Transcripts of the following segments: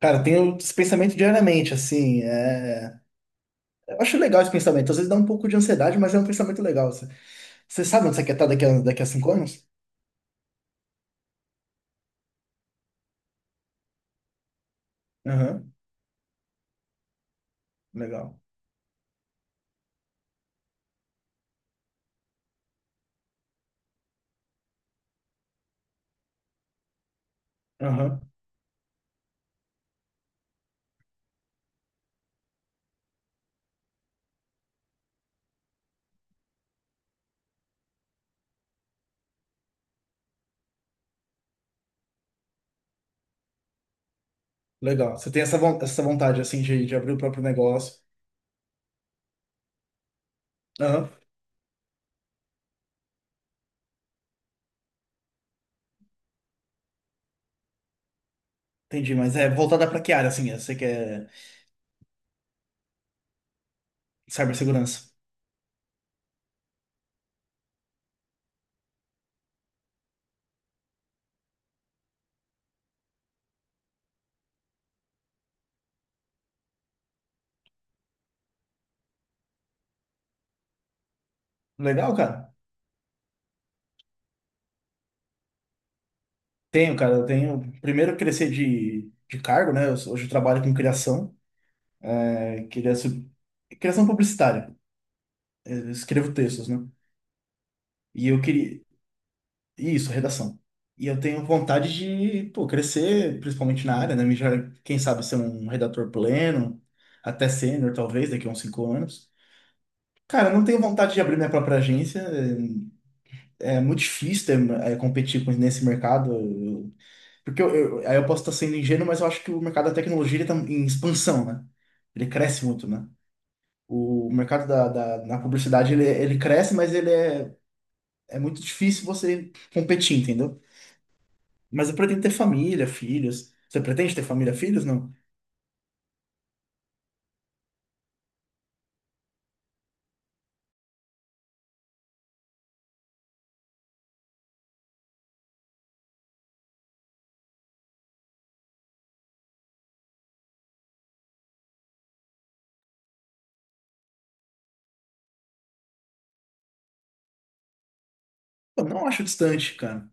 Cara, eu tenho esse pensamento diariamente, assim. Eu acho legal esse pensamento. Às vezes dá um pouco de ansiedade, mas é um pensamento legal. Você sabe onde você quer estar daqui a cinco anos? Aham, legal. Aham, legal. Você tem essa vontade, assim, de, abrir o próprio negócio. Aham, entendi. Mas é voltada pra que área, assim? Você quer cibersegurança? Legal, cara. Tenho, cara. Eu tenho. Primeiro, eu crescer de cargo, né? Hoje eu trabalho com criação. Queria Criação publicitária. Eu escrevo textos, né? E eu queria. Isso, redação. E eu tenho vontade de, pô, crescer, principalmente na área, né? Quem sabe ser um redator pleno, até sênior, talvez, daqui a uns 5 anos. Cara, eu não tenho vontade de abrir minha própria agência. É muito difícil competir nesse mercado. Porque aí eu posso estar sendo ingênuo, mas eu acho que o mercado da tecnologia está em expansão, né? Ele cresce muito, né? O mercado da, na publicidade, ele cresce, mas ele é muito difícil você competir, entendeu? Mas eu pretendo ter família, filhos. Você pretende ter família, filhos? Não. Pô, não acho distante, cara.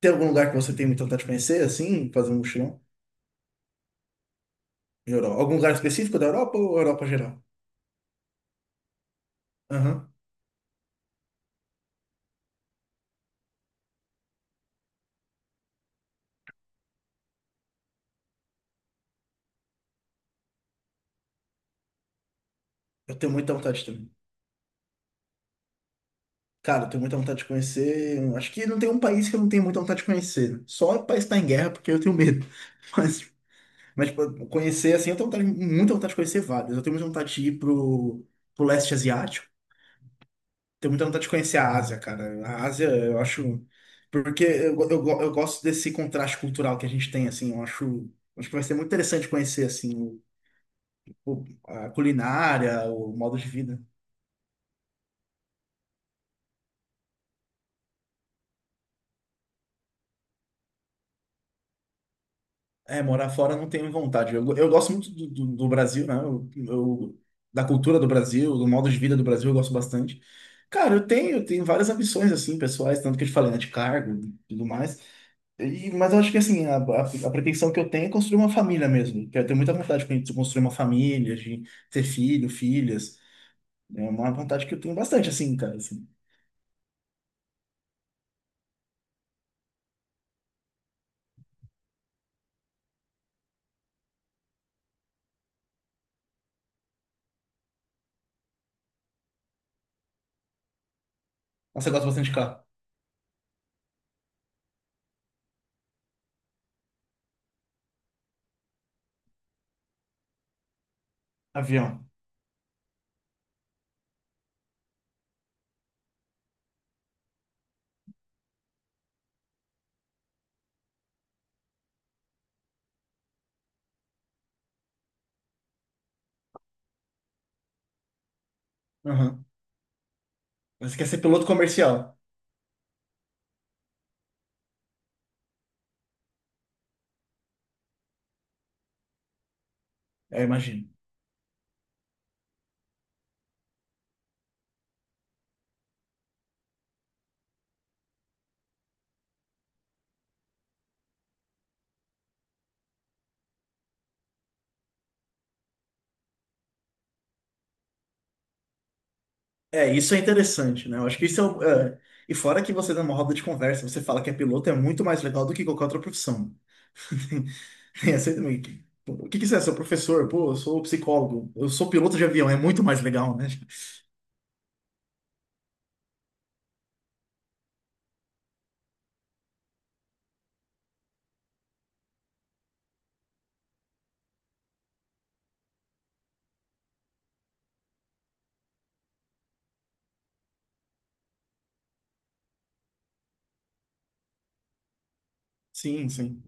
Tem algum lugar que você tem muita vontade de conhecer, assim, fazer um mochilão? Em Europa. Algum lugar específico da Europa ou Europa geral? Aham. Eu tenho muita vontade também. Cara, eu tenho muita vontade de conhecer. Acho que não tem um país que eu não tenho muita vontade de conhecer. Só o país que tá em guerra, porque eu tenho medo. Mas, mas tipo, conhecer, assim, eu tenho muita vontade de conhecer vários. Eu tenho muita vontade de ir pro leste asiático. Tenho muita vontade de conhecer a Ásia, cara. A Ásia, eu acho. Porque eu gosto desse contraste cultural que a gente tem, assim. Eu acho que vai ser muito interessante conhecer, assim, o, a culinária, o modo de vida. É, morar fora eu não tenho vontade. Eu gosto muito do, do Brasil, né? Da cultura do Brasil, do modo de vida do Brasil, eu gosto bastante. Cara, eu tenho várias ambições, assim, pessoais, tanto que eu te falei, né, de cargo e tudo mais. Mas eu acho que assim, a pretensão que eu tenho é construir uma família mesmo. Que eu tenho muita vontade de construir uma família, de ter filho, filhas. É uma vontade que eu tenho bastante, assim, cara. Assim. Nossa, eu gosto bastante de carro. Avião. Aham. Você quer ser piloto comercial? É, imagino. É, isso é interessante, né? Eu acho que isso é. E fora que você dá uma roda de conversa, você fala que é piloto, é muito mais legal do que qualquer outra profissão. Tem essa também. O que que você é? Seu professor? Pô, eu sou psicólogo. Eu sou piloto de avião. É muito mais legal, né? Sim, sim.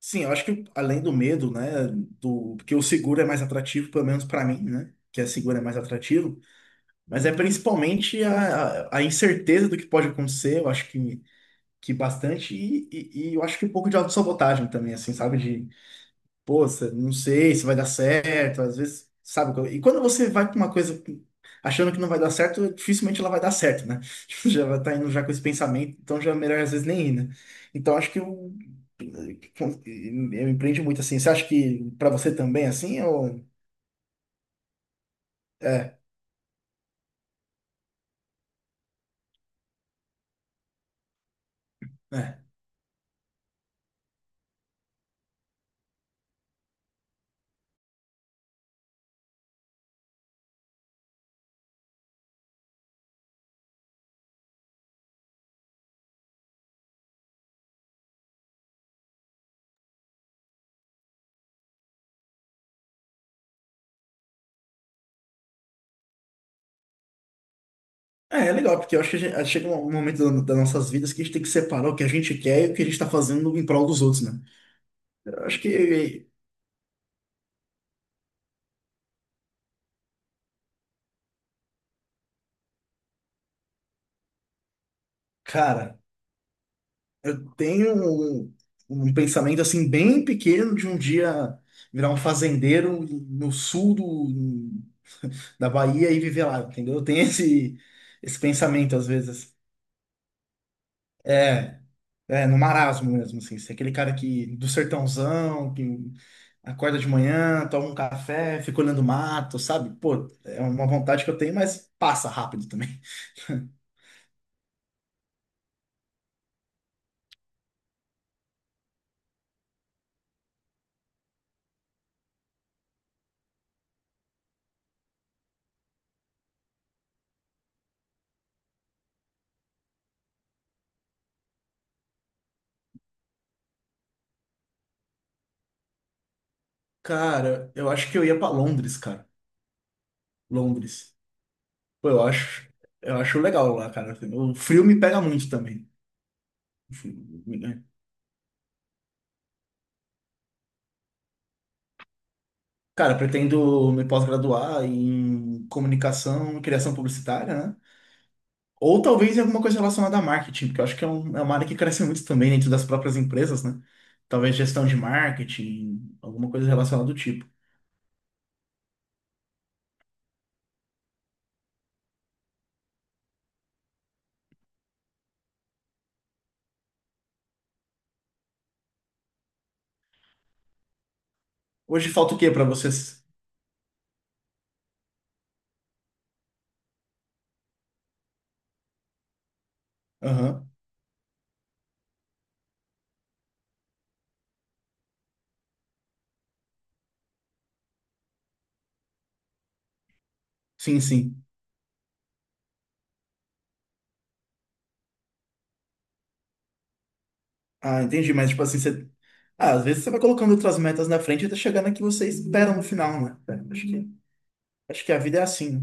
Sim, eu acho que além do medo, né, do porque o seguro é mais atrativo, pelo menos para mim, né, que é seguro é mais atrativo, mas é principalmente a incerteza do que pode acontecer, eu acho que, bastante, e eu acho que um pouco de autossabotagem também, assim, sabe, de poxa, não sei se vai dar certo, às vezes, sabe? E quando você vai para uma coisa achando que não vai dar certo, dificilmente ela vai dar certo, né? Tipo, já vai estar indo já com esse pensamento, então já é melhor às vezes nem ir, né? Então acho que eu empreendo muito assim. Você acha que para você também é assim ou é, é. É legal, porque eu acho que chega um momento das nossas vidas que a gente tem que separar o que a gente quer e o que a gente está fazendo em prol dos outros, né? Eu acho que, cara, eu tenho um, um pensamento assim bem pequeno de um dia virar um fazendeiro no sul da Bahia e viver lá, entendeu? Eu tenho esse pensamento às vezes. É, é, no marasmo mesmo, assim, ser aquele cara que do sertãozão, que acorda de manhã, toma um café, fica olhando o mato, sabe? Pô, é uma vontade que eu tenho, mas passa rápido também. Cara, eu acho que eu ia pra Londres, cara. Londres. Pô, eu acho legal lá, cara. Assim, o frio me pega muito também. Assim, né. Cara, pretendo me pós-graduar em comunicação, criação publicitária, né? Ou talvez em alguma coisa relacionada a marketing, porque eu acho que é uma área que cresce muito também dentro das próprias empresas, né? Talvez gestão de marketing, alguma coisa relacionada do tipo. Hoje falta o quê para vocês? Aham. Sim, sim. Ah, entendi, mas tipo assim, você. Ah, às vezes você vai colocando outras metas na frente até chegar na que você espera no final, né? É, acho que a vida é assim, né?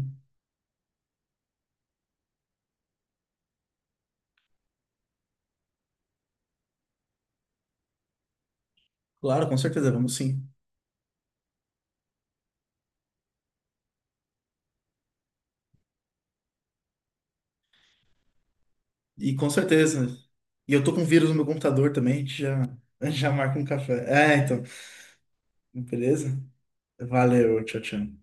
Claro, com certeza, vamos sim. E com certeza. E eu tô com vírus no meu computador também, a gente já, a gente já marca um café. É, então. Beleza? Valeu, tchau, tchau.